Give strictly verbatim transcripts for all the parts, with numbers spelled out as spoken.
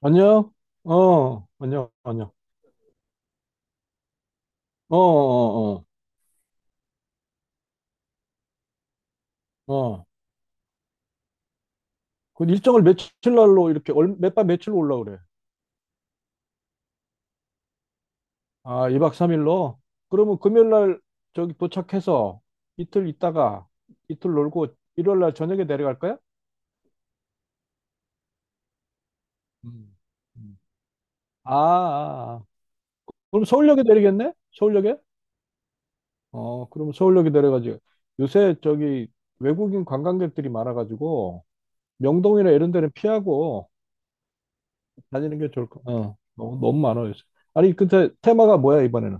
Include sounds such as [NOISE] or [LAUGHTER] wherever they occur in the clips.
안녕? 어, 안녕, 안녕. 어, 어, 어, 어. 그 일정을 며칠 날로 이렇게, 몇 밤 며칠로 올라 그래? 아, 이 박 삼 일로? 그러면 금요일 날 저기 도착해서 이틀 있다가 이틀 놀고 일요일 날 저녁에 내려갈 거야? 음. 음. 아, 아, 아. 그럼 서울역에 내리겠네? 서울역에? 어, 그럼 서울역에 내려가지. 요새 저기 외국인 관광객들이 많아가지고 명동이나 이런 데는 피하고 다니는 게 좋을 거. 어, 너무, 너무 많아 요새. 아니 근데 테마가 뭐야 이번에는?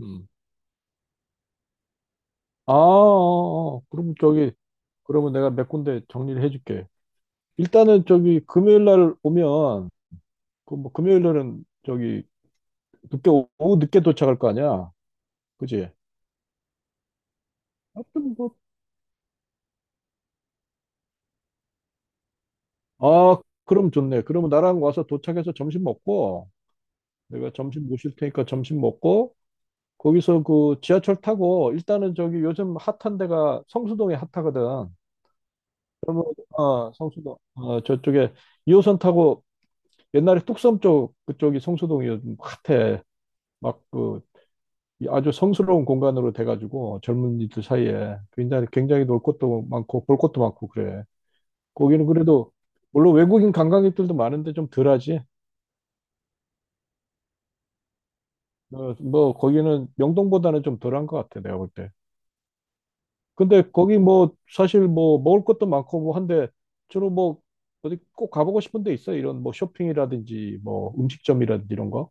음. 아, 어, 어. 어. 그럼 저기 그러면 내가 몇 군데 정리를 해줄게. 일단은 저기 금요일 날 오면 그 뭐 금요일 날은 저기 늦게 오- 오후 늦게 도착할 거 아니야, 그지? 하여튼 뭐. 아, 그럼 좋네. 그러면 나랑 와서 도착해서 점심 먹고 내가 점심 모실 테니까 점심 먹고 거기서 그 지하철 타고 일단은 저기 요즘 핫한 데가 성수동이 핫하거든. 어, 성수동. 어, 저쪽에 이 호선 타고 옛날에 뚝섬 쪽 그쪽이 성수동이 요즘 핫해. 막 그 아주 성스러운 공간으로 돼가지고 젊은이들 사이에 굉장히 굉장히 놀 곳도 많고 볼 것도 많고 그래. 거기는 그래도 물론 외국인 관광객들도 많은데 좀 덜하지. 어, 뭐 거기는 명동보다는 좀 덜한 것 같아 내가 볼 때. 근데 거기 뭐 사실 뭐 먹을 것도 많고 뭐 한데 주로 뭐 어디 꼭 가보고 싶은 데 있어? 이런 뭐 쇼핑이라든지 뭐 음식점이라든지 이런 거?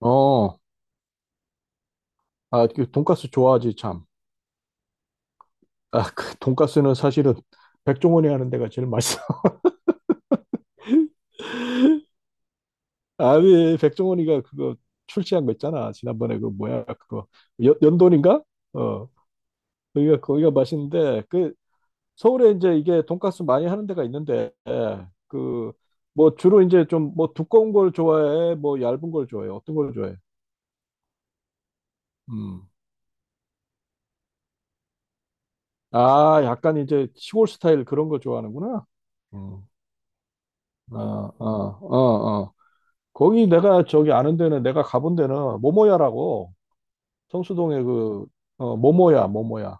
어, 아, 그 돈가스 좋아하지, 참. 아, 그 돈가스는 사실은 백종원이 하는 데가 제일 맛있어. [LAUGHS] 아니, 백종원이가 그거 출시한 거 있잖아. 지난번에 그 뭐야, 그거. 연, 연돈인가? 어, 거기가, 거기가 맛있는데, 그, 서울에 이제 이게 돈가스 많이 하는 데가 있는데, 그, 뭐 주로 이제 좀 뭐 두꺼운 걸 좋아해? 뭐 얇은 걸 좋아해? 어떤 걸 좋아해? 음. 아, 약간 이제 시골 스타일 그런 걸 좋아하는구나. 음. 아, 아, 아, 아. 거기 내가 저기 아는 데는 내가 가본 데는 모모야라고 성수동에 그 어, 모모야 모모야.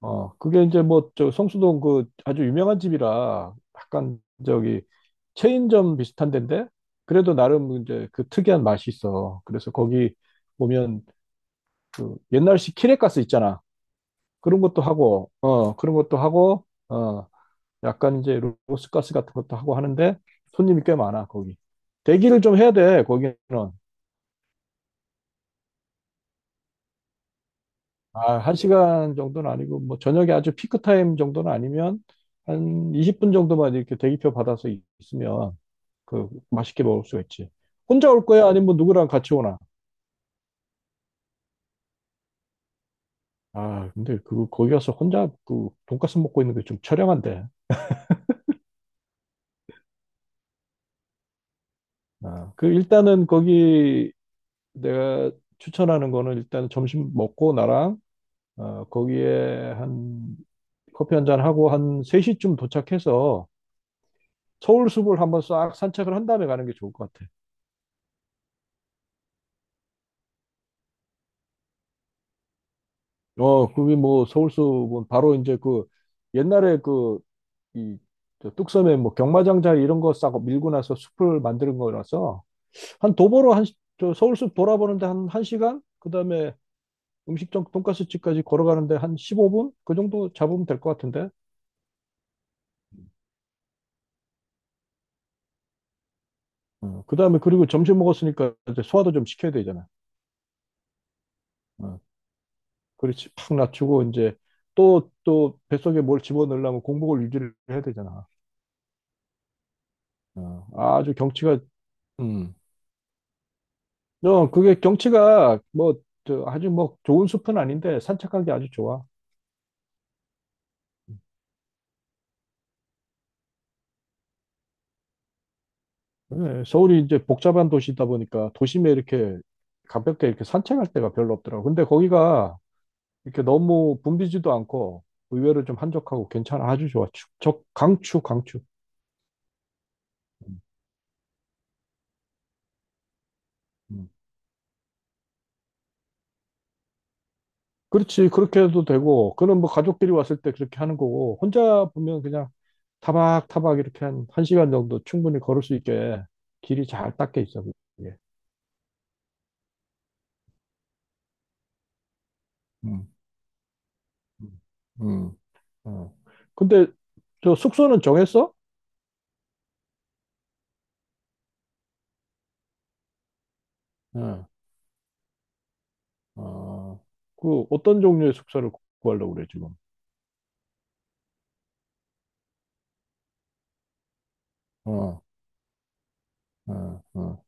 어, 그게 이제 뭐 저 성수동 그 아주 유명한 집이라 약간 저기 체인점 비슷한 데인데 그래도 나름 이제 그 특이한 맛이 있어. 그래서 거기 보면 그 옛날식 키레가스 있잖아. 그런 것도 하고 어 그런 것도 하고 어 약간 이제 로스가스 같은 것도 하고 하는데 손님이 꽤 많아. 거기 대기를 좀 해야 돼 거기는. 아, 한 시간 정도는 아니고, 뭐, 저녁에 아주 피크타임 정도는 아니면, 한 이십 분 정도만 이렇게 대기표 받아서 있- 있으면, 그, 맛있게 먹을 수가 있지. 혼자 올 거야? 아니면 누구랑 같이 오나? 아, 근데 그, 거기 가서 혼자 그, 돈가스 먹고 있는 게 좀 처량한데. 아, 그, 일단은 거기 내가 추천하는 거는 일단 점심 먹고 나랑, 어, 거기에 한, 커피 한 잔 하고 한 세 시쯤 도착해서 서울 숲을 한번 싹 산책을 한 다음에 가는 게 좋을 것 같아. 어, 그게 뭐 서울숲은 바로 이제 그 옛날에 그 이 뚝섬에 뭐 경마장 자리 이런 거 싸고 밀고 나서 숲을 만드는 거라서 한 도보로 한 시- 저 서울숲 돌아보는데 한 1시간 그다음에 음식점 돈가스집까지 걸어가는데 한 십오 분 그 정도 잡으면 될 것 같은데. 어, 그다음에 그리고 점심 먹었으니까 이제 소화도 좀 시켜야 되잖아. 어, 그렇지. 팍 낮추고 이제 또 또 뱃속에 뭘 집어넣으려면 공복을 유지를 해야 되잖아. 어, 아주 경치가 음, 어, 그게 경치가 뭐, 저, 아주 뭐 좋은 숲은 아닌데 산책하기 아주 좋아. 예, 서울이 이제 복잡한 도시다 보니까 도심에 이렇게 가볍게 이렇게 산책할 데가 별로 없더라고. 근데 거기가 이렇게 너무 붐비지도 않고 의외로 좀 한적하고 괜찮아. 아주 좋아. 축, 적, 강추, 강추. 음, 음. 그렇지. 그렇게 해도 되고, 그는 뭐 가족끼리 왔을 때 그렇게 하는 거고, 혼자 보면 그냥 타박타박 이렇게 한, 한 시간 정도 충분히 걸을 수 있게 길이 잘 닦여 있어. 그게. 음, 음, 어. 근데 저 숙소는 정했어? 어, 어. 그 어떤 종류의 숙소를 구- 구하려고 그래 지금? 어, 어, 어.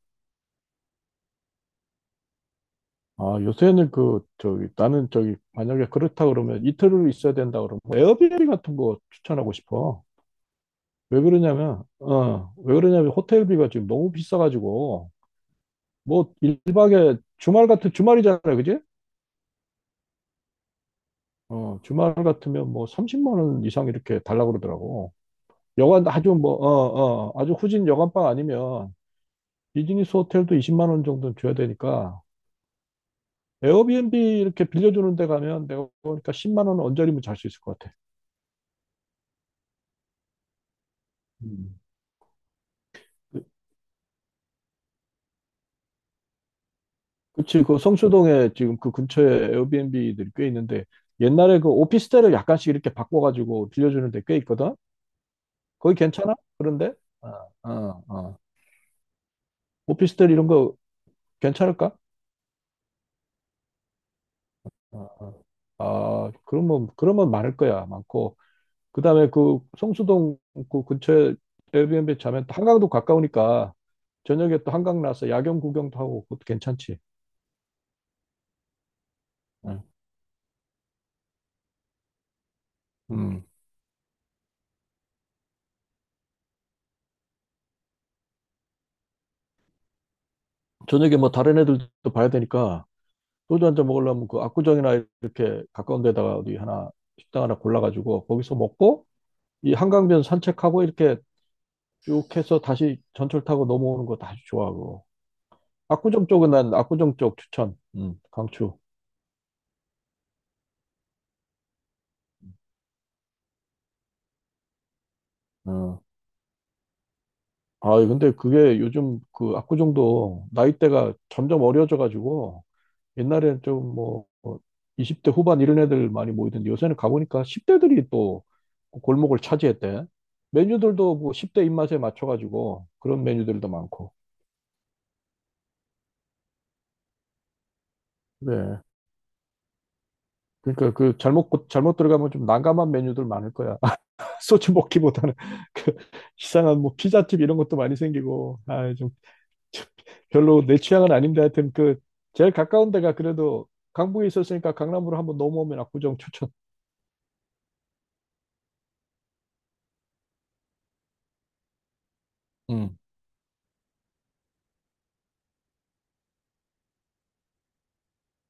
아, 요새는 그 저기 나는 저기 만약에 그렇다 그러면 이틀을 있어야 된다 그러면 에어비앤비 같은 거 추천하고 싶어. 왜 그러냐면 어, 왜 그러냐면 호텔비가 지금 너무 비싸가지고 뭐 일 박에 주말 같은 주말이잖아, 그지? 어, 주말 같으면 뭐 삼십만 원 이상 이렇게 달라고 그러더라고. 여관 아주 뭐, 어, 어, 아주 후진 여관방 아니면 비즈니스 호텔도 이십만 원 정도는 줘야 되니까 에어비앤비 이렇게 빌려주는 데 가면 내가 보니까 십만 원 언저리면 잘 수 있을 것 같아. 음. 그- 그치, 그 성수동에 지금 그 근처에 에어비앤비들이 꽤 있는데 옛날에 그 오피스텔을 약간씩 이렇게 바꿔가지고 빌려주는 데 꽤 있거든? 거기 괜찮아? 그런데? 어, 어, 어. 오피스텔 이런 거 괜찮을까? 어, 어. 아, 그러면, 그러면 많을 거야. 많고. 그다음에 그 성수동 그 근처에 에어비앤비 자면 또 한강도 가까우니까 저녁에 또 한강 나서 야경 구경도 하고 그것도 괜찮지. 응. 음. 저녁에 뭐 다른 애들도 봐야 되니까 소주 한 잔 먹으려면 그 압구정이나 이렇게 가까운 데다가 어디 하나 식당 하나 골라가지고 거기서 먹고 이 한강변 산책하고 이렇게 쭉 해서 다시 전철 타고 넘어오는 거 다시 좋아하고 압구정 쪽은 난 압구정 쪽 추천. 음, 강추. 어. 아, 근데 그게 요즘 그 압구정도 나이대가 점점 어려져가지고 옛날에는 좀 뭐 이십 대 후반 이런 애들 많이 모이던데 요새는 가보니까 십 대들이 또 골목을 차지했대. 메뉴들도 뭐 십 대 입맛에 맞춰가지고 그런 메뉴들도 많고. 그래. 그러니까 그 잘못, 잘못 들어가면 좀 난감한 메뉴들 많을 거야. [LAUGHS] 소주 먹기보다는 그 이상한 뭐 피자집 이런 것도 많이 생기고. 아, [LAUGHS] 별로 내 취향은 아닌데 하여튼 그 제일 가까운 데가 그래도 강북에 있었으니까 강남으로 한번 넘어오면 압구정 추천. 음.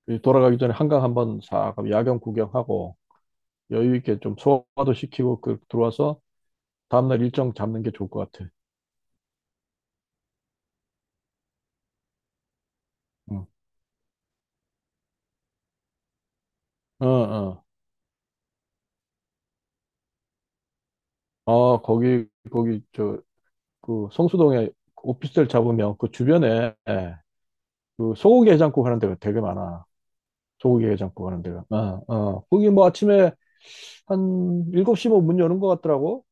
그 돌아가기 전에 한강 한번 싹 야경 구경하고 여유 있게 좀 소화도 시키고 그 들어와서 다음날 일정 잡는 게 좋을 것 같아. 응. 어, 어. 어, 거기 거기 저 그 성수동에 오피스텔 잡으면 그 주변에 그 소고기 해장국 하는 데가 되게 많아. 소고기 해장국 하는 데가. 어, 어. 거기 뭐 아침에 한 일곱 시 뭐문 여는 것 같더라고.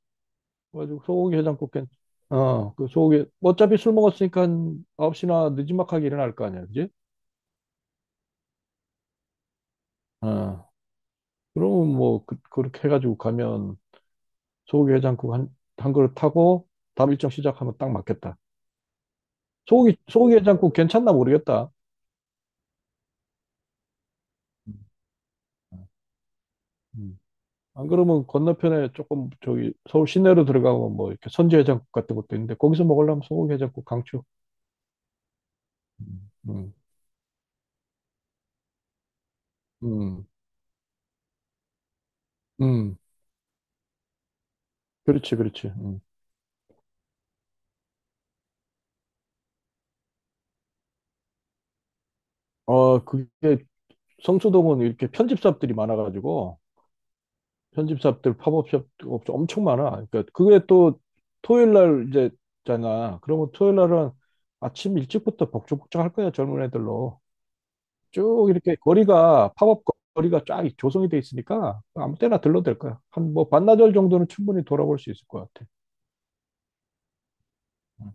그래가지고 소고기 해장국 괜 어, 그 소고기 어차피 술 먹었으니까 한 아홉 시나 늦지막하게 일어날 거 아니야, 그지? 어. 그러면 뭐 그, 그렇게 해가지고 가면 소고기 해장국 한, 한 그릇 타고 다음 일정 시작하면 딱 맞겠다. 소고기 소고기 해장국 괜찮나 모르겠다. 음. 음. 안 그러면 건너편에 조금 저기 서울 시내로 들어가면 뭐 이렇게 선지 해장국 같은 것도 있는데 거기서 먹으려면 소고기 해장국 강추. 음, 음, 음. 음. 그렇지, 그렇지. 음. 어, 그게 성수동은 이렇게 편집샵들이 많아가지고 편집샵들 팝업샵 업체 엄청 많아. 그러니까 그게 또 토요일 날 이제 잖아. 그러면 토요일 날은 아침 일찍부터 복작복작 할 거야 젊은 애들로 쭉 이렇게 거리가 팝업 거- 거리가 쫙 조성이 돼 있으니까 아무 때나 들러도 될 거야. 한 뭐 반나절 정도는 충분히 돌아볼 수 있을 것 같아. 음.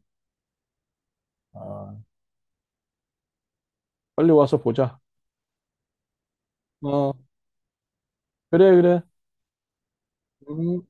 아, 빨리 와서 보자. 어, 그래 그래. 음.